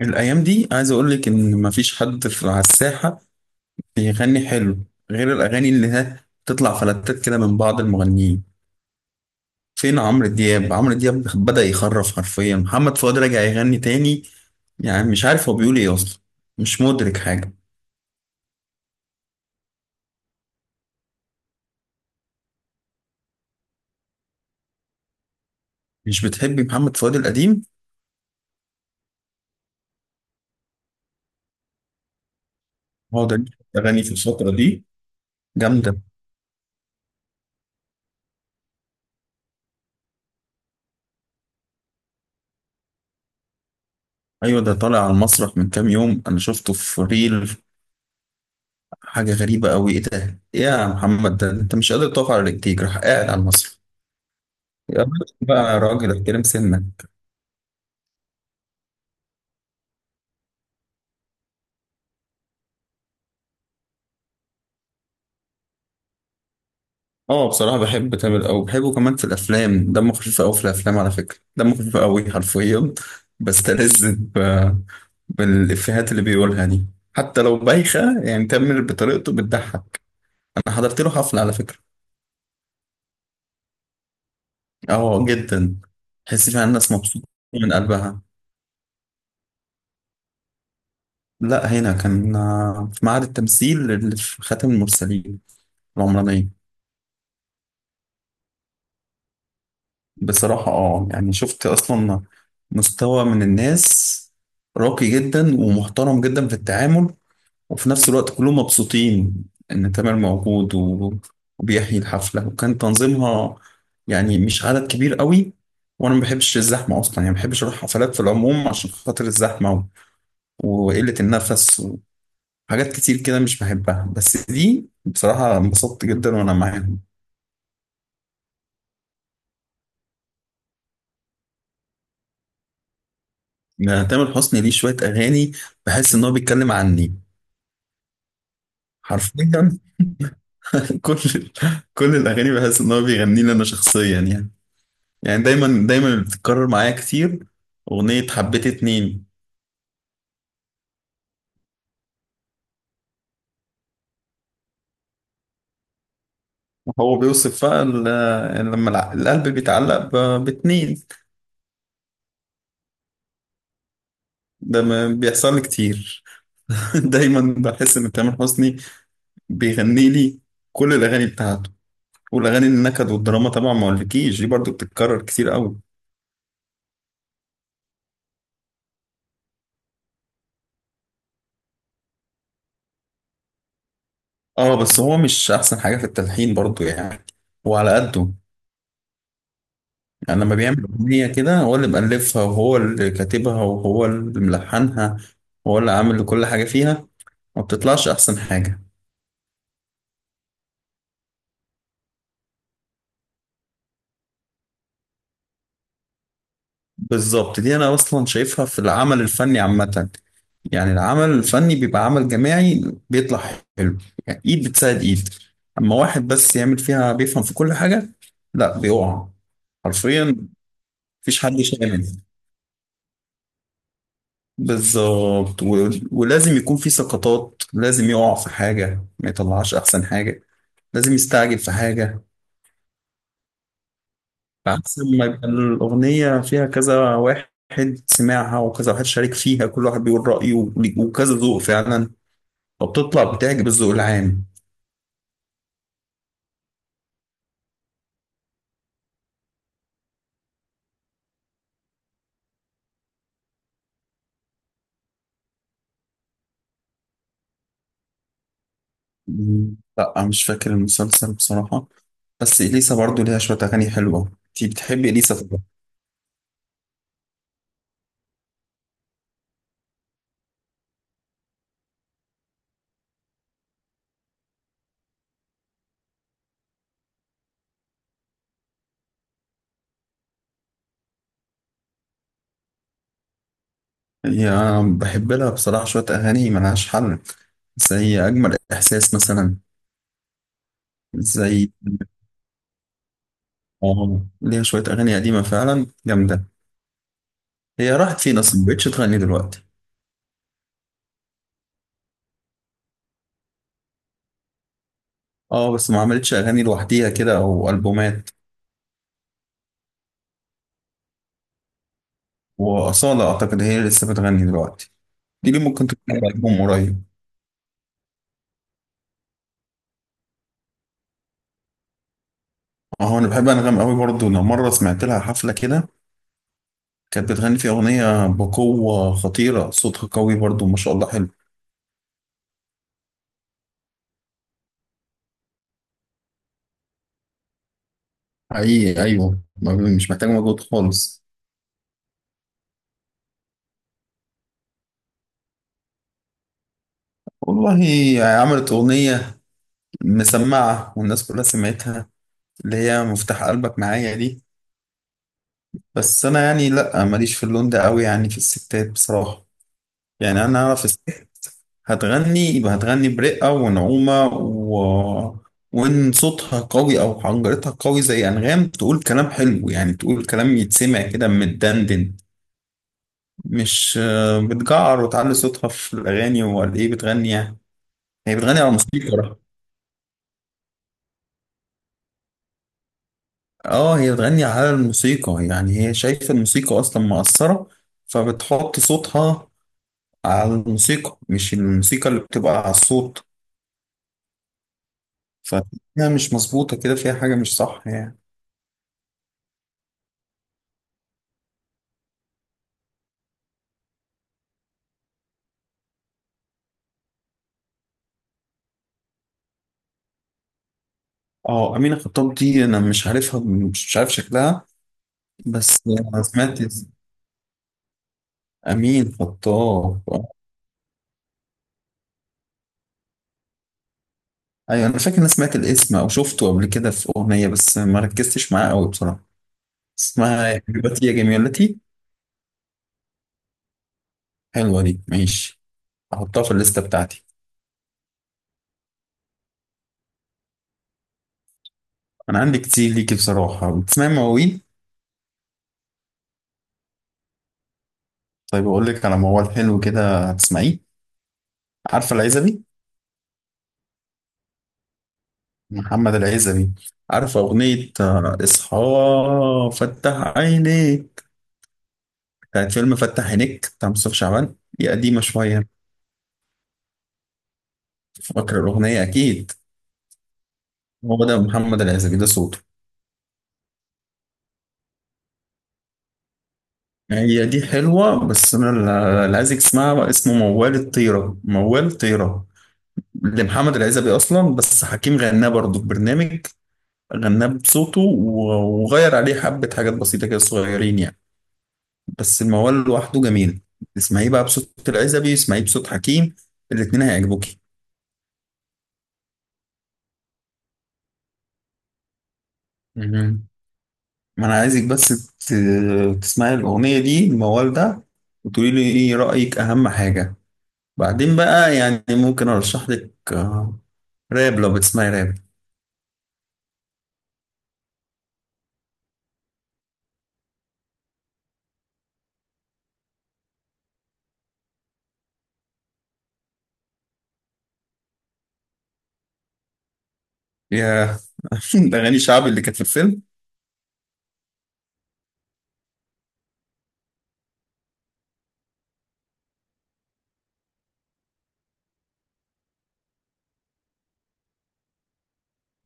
الأيام دي عايز أقولك إن مفيش حد في على الساحة بيغني حلو، غير الأغاني اللي ها تطلع فلتات كده من بعض المغنيين. فين عمرو دياب؟ عمرو دياب بدأ يخرف حرفيا. محمد فؤاد راجع يغني تاني، يعني مش عارف هو بيقول إيه أصلا، مش مدرك حاجة. مش بتحبي محمد فؤاد القديم؟ هو ده ليه أغاني في الفترة دي جامدة. أيوة، ده طالع على المسرح من كام يوم، أنا شفته في ريل، حاجة غريبة أوي. إيه ده؟ إيه يا محمد ده؟ أنت مش قادر تقف على رجليك، راح قاعد على المسرح. يا راجل بقى، يا راجل احترم سنك. اه، بصراحة بحب تامر أوي، بحبه كمان في الأفلام، دمه خفيف أوي في الأفلام. على فكرة دمه خفيف أوي حرفيا، بستلذ بالإفيهات اللي بيقولها دي، حتى لو بايخة. يعني تامر بطريقته بتضحك. أنا حضرت له حفلة على فكرة. اه جدا، تحس فيها الناس مبسوطة من قلبها. لا، هنا كان في معهد التمثيل اللي في خاتم المرسلين، العمرانية. بصراحة اه، يعني شفت اصلا مستوى من الناس راقي جدا ومحترم جدا في التعامل، وفي نفس الوقت كلهم مبسوطين ان تامر موجود وبيحيي الحفلة، وكان تنظيمها يعني مش عدد كبير قوي، وانا ما بحبش الزحمة اصلا، يعني ما بحبش اروح حفلات في العموم عشان خاطر الزحمة وقلة النفس وحاجات كتير كده مش بحبها، بس دي بصراحة انبسطت جدا وانا معاهم. يعني تامر حسني ليه شوية اغاني بحس ان هو بيتكلم عني، حرفيا. كل كل الاغاني بحس ان هو بيغني لي انا شخصيا يعني، يعني دايما دايما اللي بتتكرر معايا كتير اغنيه حبيت اتنين. هو بيوصف بقى يعني لما القلب بيتعلق باتنين. ده ما بيحصل لي كتير. دايما بحس ان تامر حسني بيغني لي كل الاغاني بتاعته. والاغاني النكد والدراما طبعا ما اقولكيش، دي برضو بتتكرر كتير قوي. اه بس هو مش احسن حاجه في التلحين برضو يعني، وعلى قده. يعني لما بيعمل أغنية كده هو اللي مألفها وهو اللي كاتبها وهو اللي ملحنها وهو اللي عامل كل حاجة فيها، ما بتطلعش أحسن حاجة. بالظبط، دي أنا أصلا شايفها في العمل الفني عامة. يعني العمل الفني بيبقى عمل جماعي بيطلع حلو، يعني إيد بتساعد إيد. أما واحد بس يعمل فيها بيفهم في كل حاجة، لا، بيقع حرفيا. مفيش حد شامل. بالظبط ولازم يكون في سقطات، لازم يقع في حاجة، ما يطلعش أحسن حاجة، لازم يستعجل في حاجة. عكس ما يبقى الأغنية فيها كذا واحد سمعها، وكذا واحد شارك فيها، كل واحد بيقول رأيه، وكذا ذوق فعلا، وبتطلع بتعجب الذوق العام. مم. لا مش فاكر المسلسل بصراحة، بس إليسا برضو ليها شوية أغاني حلوة. أنتي بتحبي إليسا طبعا. هي بحب لها بصراحة شوية أغاني ملهاش حل، زي أجمل إحساس مثلا. زي ليها شوية أغاني قديمة فعلا جامدة. هي راحت فين أصلا؟ مبقتش تغني دلوقتي. اه بس ما عملتش اغاني لوحديها كده او البومات. واصاله اعتقد هي اللي لسه بتغني دلوقتي، دي اللي ممكن تكون عاملة البوم قريب. اه، انا بحب انغام قوي برضو. انا مره سمعت لها حفله كده، كانت بتغني في اغنيه بقوه خطيره، صوتها قوي برضو ما شاء الله، حلو. حقيقي ايوه، مش محتاج مجهود خالص. والله عملت اغنيه مسمعه والناس كلها سمعتها، اللي هي مفتاح قلبك معايا دي، بس انا يعني لا، ماليش في اللون ده قوي يعني في الستات بصراحه. يعني انا اعرف الست هتغني، يبقى هتغني برقة ونعومة وان صوتها قوي او حنجرتها قوي زي انغام، تقول كلام حلو، يعني تقول كلام يتسمع كده متدندن، مش بتجعر وتعلي صوتها في الاغاني ولا ايه، بتغني يعني، هي بتغني على الموسيقى. اه، هي بتغني على الموسيقى، يعني هي شايفة الموسيقى اصلا مؤثرة، فبتحط صوتها على الموسيقى، مش الموسيقى اللي بتبقى على الصوت. فهي مش مظبوطة كده، فيها حاجة مش صح يعني. اه، أمينة خطاب دي أنا مش عارفها، مش عارف شكلها. بس أنا سمعت أمين خطاب، آه. أيوة، أنا فاكر إن أنا سمعت الاسم أو شفته قبل كده في أغنية، بس ما ركزتش معاه أوي بصراحة. اسمها يا حبيبتي يا جميلتي. حلوة دي، ماشي، أحطها في الليستة بتاعتي. أنا عندي كتير ليكي بصراحة. بتسمعي مواويل؟ طيب أقول لك على موال حلو كده هتسمعيه. عارفة العزبي؟ محمد العزبي. عارفة أغنية إصحى فتح عينيك؟ كانت فيلم فتح عينيك بتاع مصطفى شعبان. هي قديمة شوية. فاكر الأغنية أكيد، هو ده محمد العزبي ده صوته. هي دي حلوة، بس أنا اللي عايز اسمها اسمه موال الطيرة، موال طيرة لمحمد العزبي أصلا، بس حكيم غناه برضه في برنامج، غناه بصوته وغير عليه حبة حاجات بسيطة كده صغيرين يعني. بس الموال لوحده جميل. اسمعيه بقى بصوت العزبي، اسمعيه بصوت حكيم، الاتنين هيعجبوكي. ما انا عايزك بس ت- تسمعي الاغنيه دي، الموال ده، وتقولي لي ايه رايك، اهم حاجه. بعدين بقى يعني ممكن ارشح لك راب، لو بتسمعي راب. يا اغاني شعب اللي كانت في الفيلم.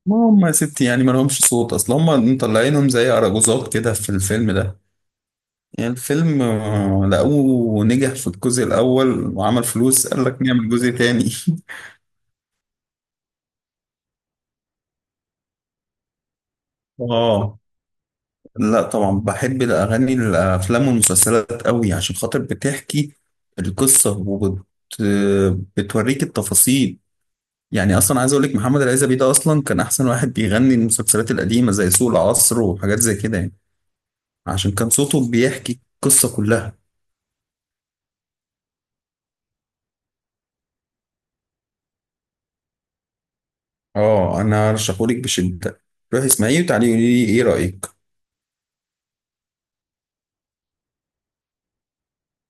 ما هم يا ستي يعني ما لهمش صوت، اصل هم مطلعينهم زي اراجوزات كده في الفيلم ده. يعني الفيلم لقوه نجح في الجزء الاول وعمل فلوس، قال لك نعمل جزء تاني. اه، لا طبعا بحب الأغاني الأفلام والمسلسلات قوي، عشان خاطر بتحكي القصة بتوريك التفاصيل. يعني أصلا عايز أقولك محمد العزبي ده أصلا كان أحسن واحد بيغني المسلسلات القديمة زي سوق العصر وحاجات زي كده يعني، عشان كان صوته بيحكي القصة كلها. اه أنا أرشحهولك بشدة، روحي اسمعيه وتعالي قولي لي إيه رأيك.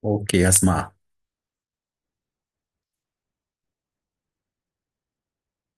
أوكي، هسمعها.